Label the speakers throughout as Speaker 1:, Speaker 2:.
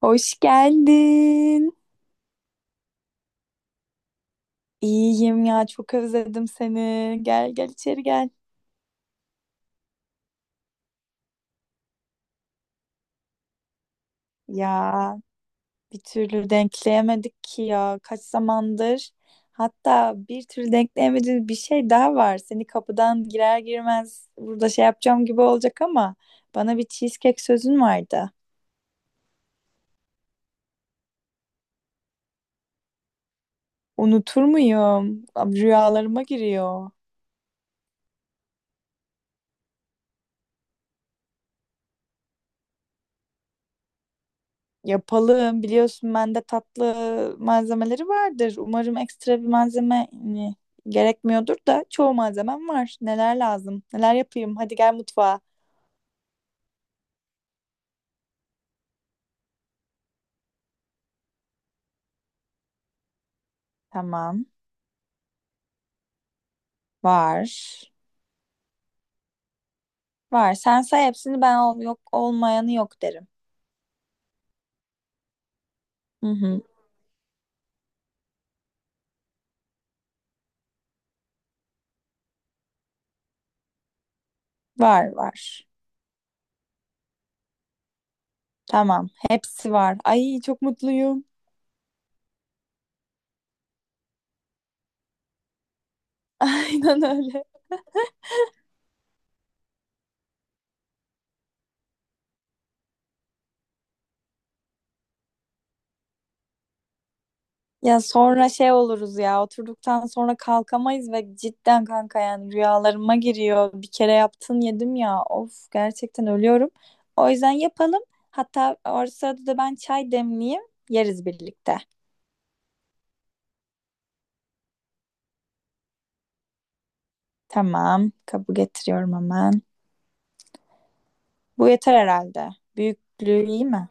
Speaker 1: Hoş geldin. İyiyim ya çok özledim seni. Gel gel içeri gel. Ya bir türlü denkleyemedik ki ya kaç zamandır. Hatta bir türlü denkleyemediğimiz bir şey daha var. Seni kapıdan girer girmez burada şey yapacağım gibi olacak ama bana bir cheesecake sözün vardı. Unutur muyum? Abi, rüyalarıma giriyor. Yapalım. Biliyorsun bende tatlı malzemeleri vardır. Umarım ekstra bir malzeme hani, gerekmiyordur da çoğu malzemem var. Neler lazım? Neler yapayım? Hadi gel mutfağa. Tamam. Var. Var. Sen say hepsini ben ol yok olmayanı yok derim. Hı hı. Var var. Tamam. Hepsi var. Ay çok mutluyum. Aynen öyle. Ya sonra şey oluruz ya oturduktan sonra kalkamayız ve cidden kanka yani rüyalarıma giriyor. Bir kere yaptın yedim ya of gerçekten ölüyorum. O yüzden yapalım. Hatta o sırada da ben çay demleyeyim yeriz birlikte. Tamam kabul getiriyorum hemen. Bu yeter herhalde. Büyüklüğü iyi mi?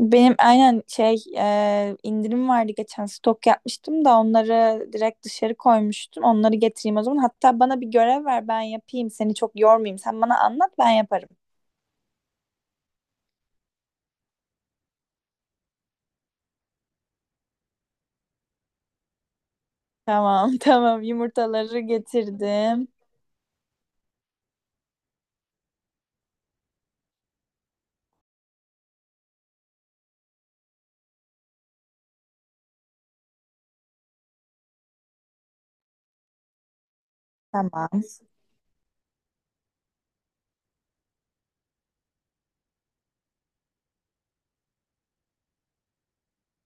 Speaker 1: Benim aynen şey indirim vardı geçen stok yapmıştım da onları direkt dışarı koymuştum. Onları getireyim o zaman. Hatta bana bir görev ver ben yapayım. Seni çok yormayayım. Sen bana anlat ben yaparım. Tamam tamam yumurtaları getirdim. Tamam.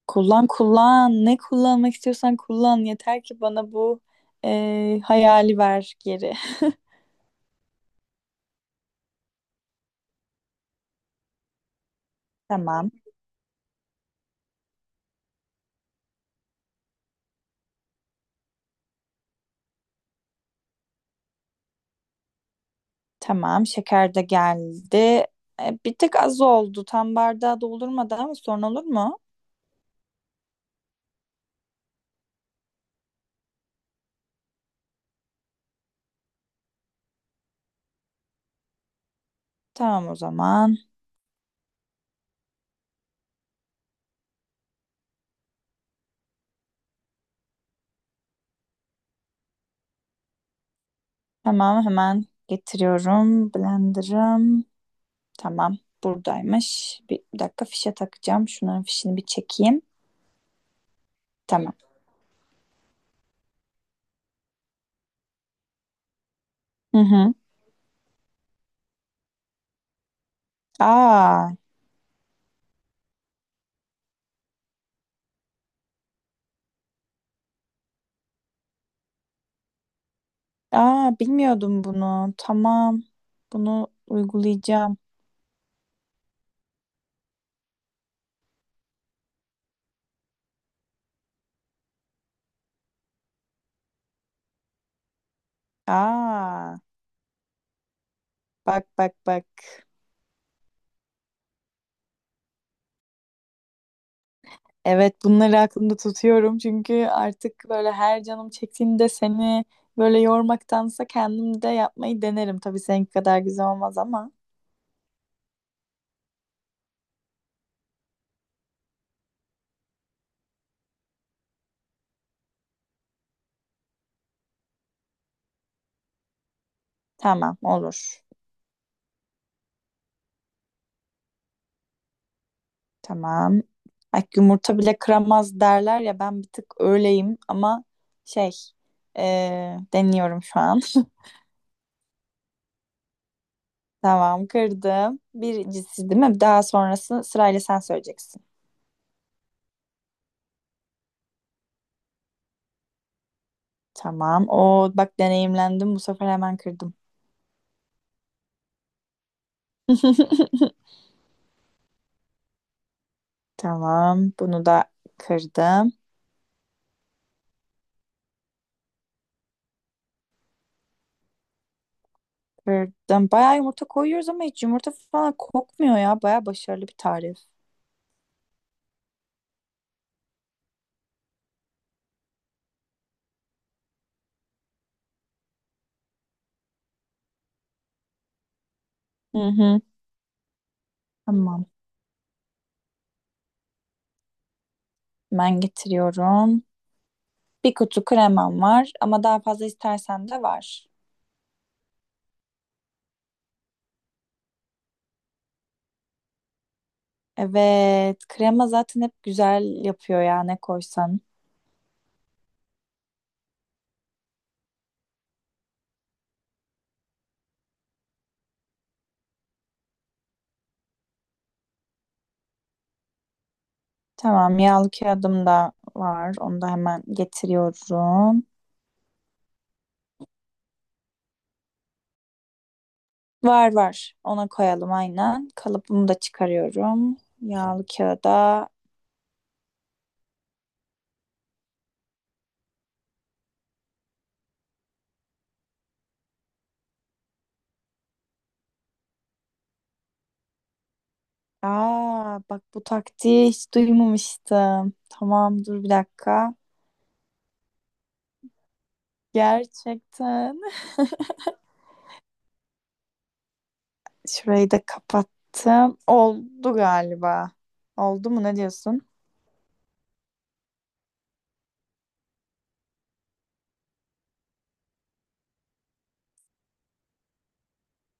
Speaker 1: Kullan kullan. Ne kullanmak istiyorsan kullan. Yeter ki bana bu hayali ver geri. Tamam. Tamam. Şeker de geldi. Bir tık az oldu. Tam bardağı doldurmadı ama sorun olur mu? Tamam o zaman. Tamam hemen getiriyorum. Blender'ım. Tamam. Buradaymış. Bir dakika fişe takacağım. Şunların fişini bir çekeyim. Tamam. Hı hı. Aa, aa, bilmiyordum bunu. Tamam. Bunu uygulayacağım. Aa, bak bak bak. Evet bunları aklımda tutuyorum. Çünkü artık böyle her canım çektiğinde seni böyle yormaktansa kendim de yapmayı denerim. Tabii seninki kadar güzel olmaz ama. Tamam olur. Tamam. Ay, yumurta bile kıramaz derler ya ben bir tık öyleyim ama şey deniyorum şu an. Tamam kırdım. Birincisi değil mi? Daha sonrası sırayla sen söyleyeceksin. Tamam. O bak deneyimlendim. Bu sefer hemen kırdım. Tamam. Bunu da kırdım. Kırdım. Bayağı yumurta koyuyoruz ama hiç yumurta falan kokmuyor ya. Bayağı başarılı bir tarif. Hı hı. Tamam. Ben getiriyorum. Bir kutu kremam var ama daha fazla istersen de var. Evet, krema zaten hep güzel yapıyor ya ne koysan. Tamam, yağlı kağıdım da var. Onu da hemen getiriyorum. Var var. Ona koyalım aynen. Kalıbımı da çıkarıyorum. Yağlı kağıda. Aa, bak bu taktiği hiç duymamıştım. Tamam, dur bir dakika. Gerçekten. Şurayı da kapattım. Oldu galiba. Oldu mu ne diyorsun?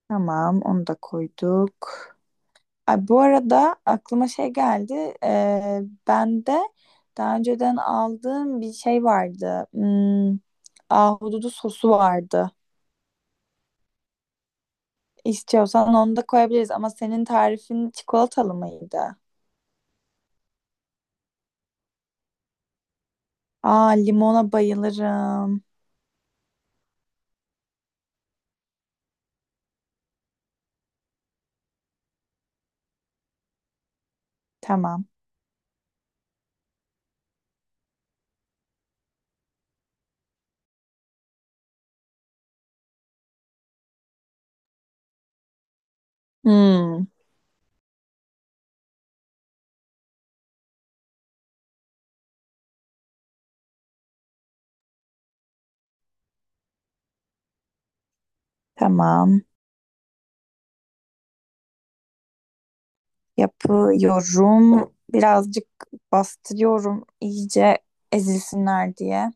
Speaker 1: Tamam, onu da koyduk. Ay, bu arada aklıma şey geldi. Ee, Ben de daha önceden aldığım bir şey vardı. Hmm, ahududu sosu vardı. İstiyorsan onu da koyabiliriz ama senin tarifin çikolatalı mıydı? Aa, limona bayılırım. Tamam. Hmm, tamam. Yapıyorum. Birazcık bastırıyorum iyice ezilsinler diye.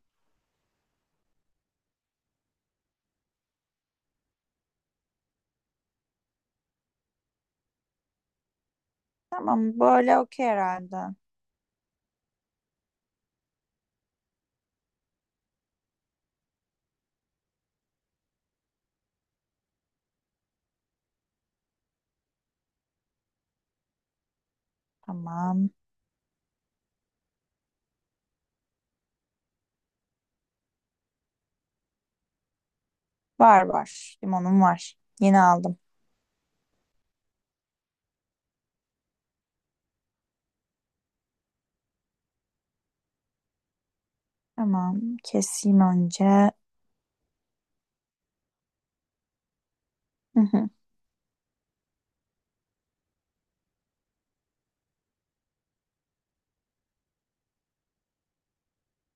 Speaker 1: Tamam, böyle okey herhalde. Tamam. Var var. Limonum var. Yeni aldım. Tamam. Keseyim önce. Hı hı.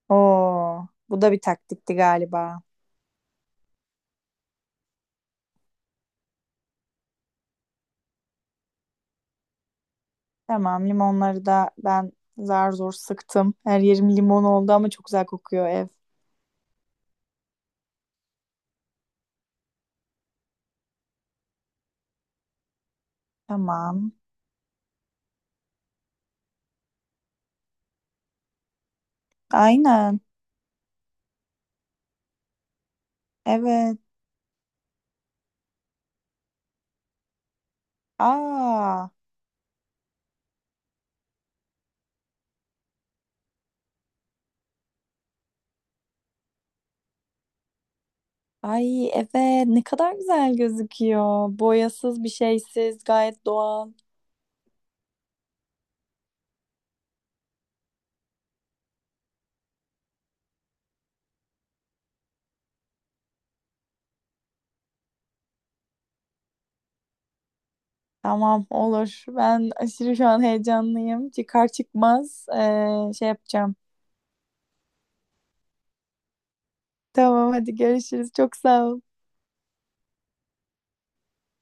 Speaker 1: Oo, bu da bir taktikti galiba. Tamam. Limonları da ben zar zor sıktım. Her yerim limon oldu ama çok güzel kokuyor ev. Tamam. Aynen. Evet. Aa. Ay evet ne kadar güzel gözüküyor. Boyasız bir şeysiz gayet doğal. Tamam olur. Ben aşırı şu an heyecanlıyım. Çıkar çıkmaz şey yapacağım. Tamam hadi görüşürüz. Çok sağ ol.